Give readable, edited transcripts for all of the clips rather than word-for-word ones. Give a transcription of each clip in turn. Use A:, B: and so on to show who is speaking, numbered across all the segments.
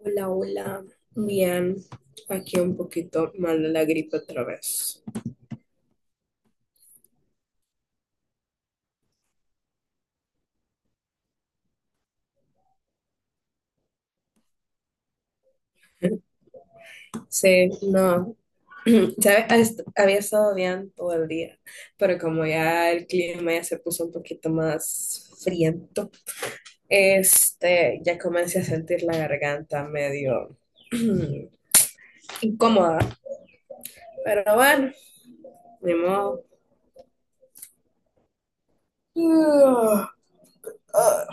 A: Hola, hola. Bien, aquí un poquito mal de la gripe otra vez. Sí, no. ¿Sabes? Había estado bien todo el día, pero como ya el clima ya se puso un poquito más friento, ya comencé a sentir la garganta medio incómoda. Pero bueno, ni modo. Ah, ah.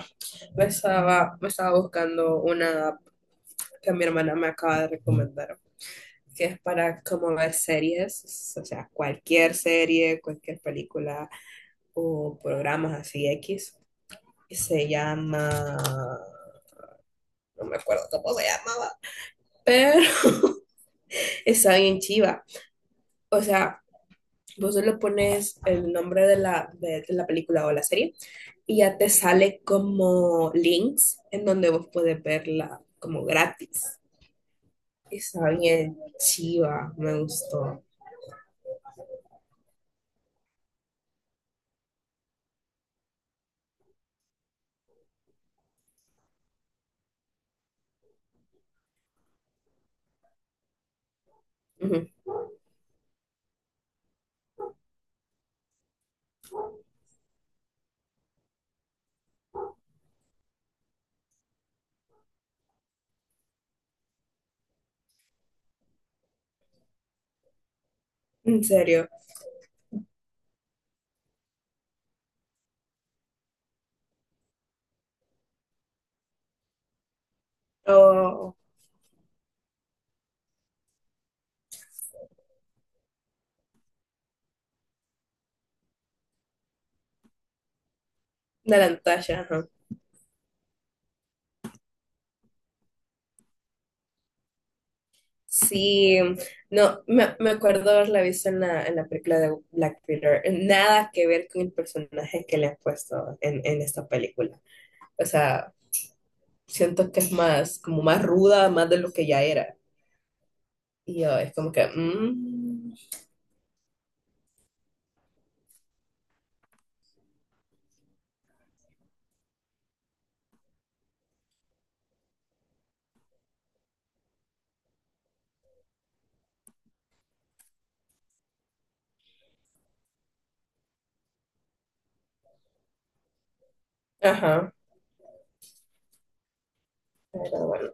A: Me estaba buscando una app que mi hermana me acaba de recomendar, que es para como ver series, o sea, cualquier serie, cualquier película o programas así X. Se llama, no me acuerdo cómo se llamaba, pero está bien chiva. O sea, vos le pones el nombre de la película o la serie y ya te sale como links en donde vos puedes verla como gratis. Está bien chiva, me gustó. Ujú. En serio. O de la Natasha, ajá. Sí, no, me acuerdo haberla visto en la película de Black Peter. Nada que ver con el personaje que le han puesto en esta película. O sea, siento que es más, como más ruda, más de lo que ya era. Y yo, es como que, ajá, pero bueno.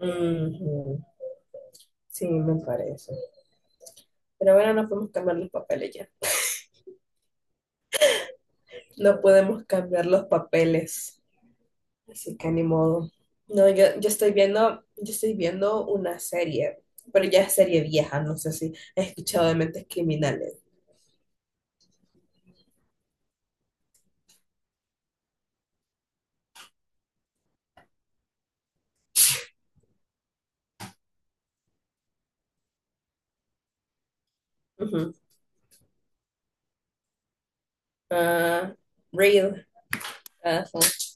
A: Ujú. Sí, me parece. Pero bueno, no podemos cambiar los papeles ya. No podemos cambiar los papeles. Así que ni modo. No, yo estoy viendo una serie, pero ya es serie vieja, no sé si has escuchado de Mentes Criminales. Ujú. Ah, real. Ah, sí.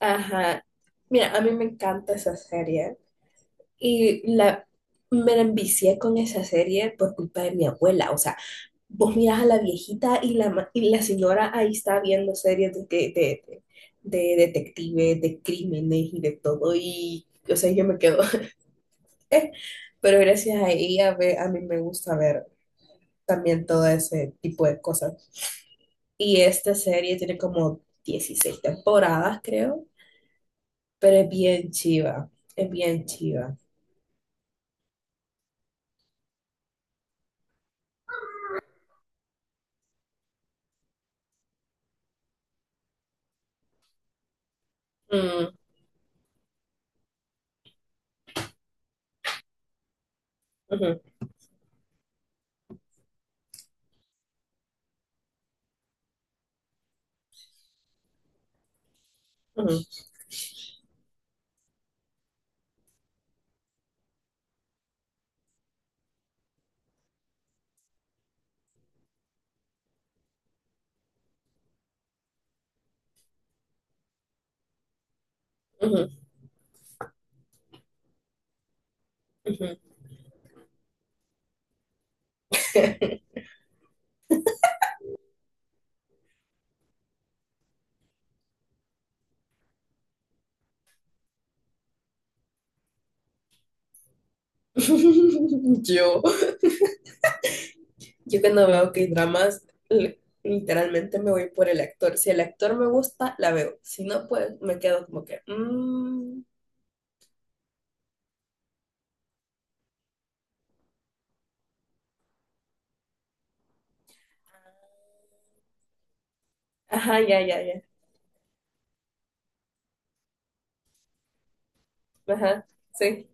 A: Ajá. Mira, a mí me encanta esa serie y me la envicié con esa serie por culpa de mi abuela. O sea, vos mirás a la viejita y la señora ahí está viendo series de detectives, de crímenes y de todo. Y, o sea, yo me quedo, pero gracias a ella a mí me gusta ver también todo ese tipo de cosas. Y esta serie tiene como 16 temporadas, creo, pero es bien chiva, es bien chiva. Mm, ujú, ujú, ujú, ujú. Yo, yo cuando veo que dramas literalmente me voy por el actor. Si el actor me gusta, la veo. Si no, pues me quedo como que... mm, ajá, ya, ya, ya. Ajá, sí.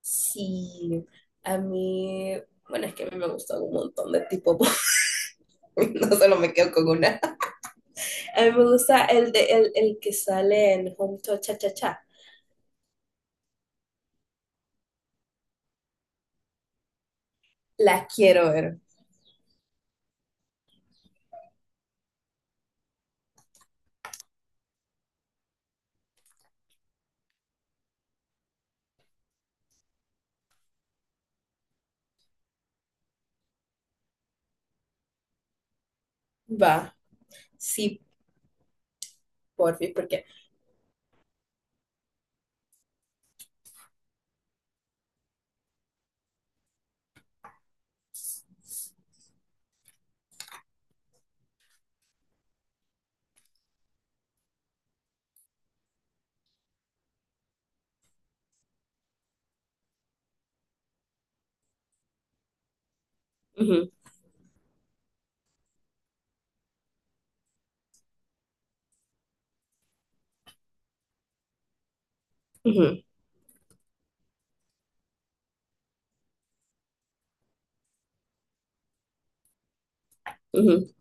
A: Sí, a mí, bueno, es que a mí me gustan un montón de tipos, no solo me quedo con una. A mí me gusta el que sale en Home to Cha Cha Cha. La quiero ver. Va, sí, por fin, porque ujú, ujú, ujú,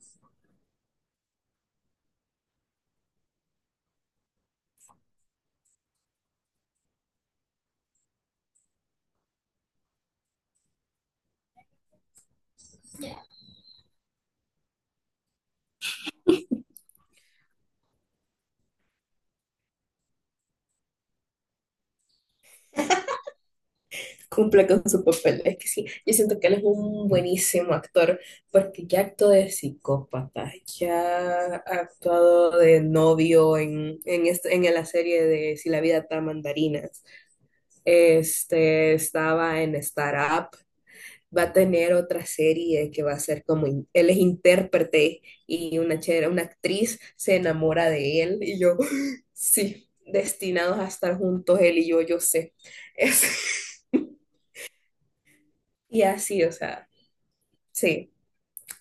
A: cumple con su papel. Es que sí, yo siento que él es un buenísimo actor, porque ya actuó de psicópata, ya ha actuado de novio en, en la serie de Si la vida está mandarinas. Este estaba en Startup. Va a tener otra serie que va a ser como él es intérprete y una chera, una actriz se enamora de él y yo, sí, destinados a estar juntos él y yo sé. Es- y así, o sea, sí,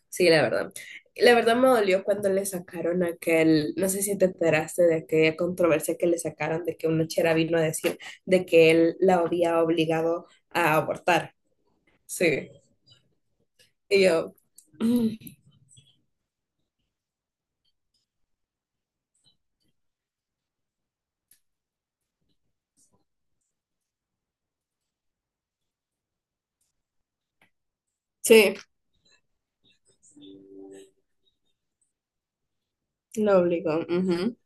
A: sí, la verdad. La verdad me dolió cuando le sacaron aquel, no sé si te enteraste de aquella controversia que le sacaron de que una chera vino a decir de que él la había obligado a abortar. Sí. Y yo, mm, sí, lo obligó. Ujú.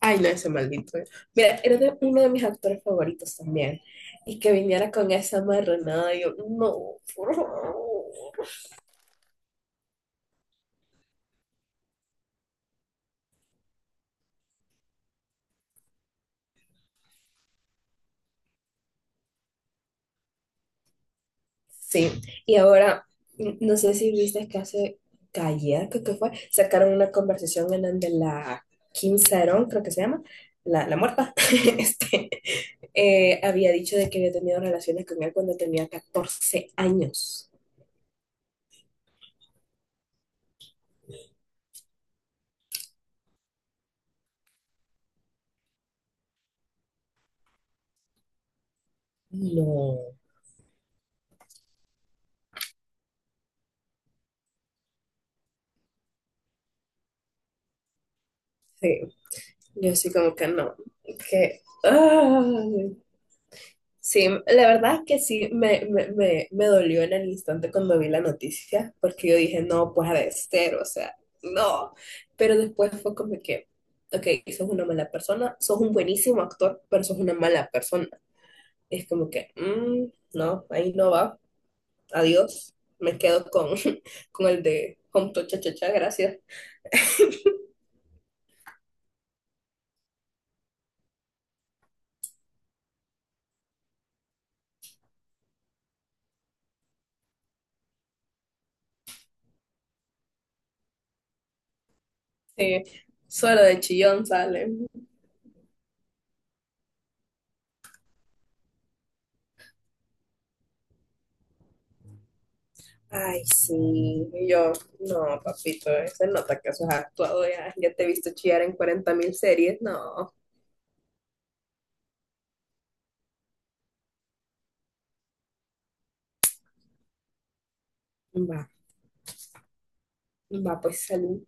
A: Ay, no, ese maldito. Mira, era de uno de mis actores favoritos también. Y que viniera con esa marranada, yo, no, por favor. Sí, y ahora, no sé si viste que hace, que ayer, creo que fue, sacaron una conversación en donde la Kim Saeron, creo que se llama, la muerta, este, había dicho de que había tenido relaciones con él cuando tenía 14 años. No. Sí. Yo sí como que no, que... ay. Sí, la verdad es que sí, me dolió en el instante cuando vi la noticia, porque yo dije, no, pues ha de ser, o sea, no. Pero después fue como que, ok, sos una mala persona, sos un buenísimo actor, pero sos una mala persona. Es como que, mm, no, ahí no va, adiós, me quedo con, con el de Home to Cha Cha Cha, gracias. Sí, solo de chillón sale. Ay, sí. Y yo, no, papito, se nota que eso has actuado ya. Ya te he visto chillar en 40 mil series. No, va, va, pues salud.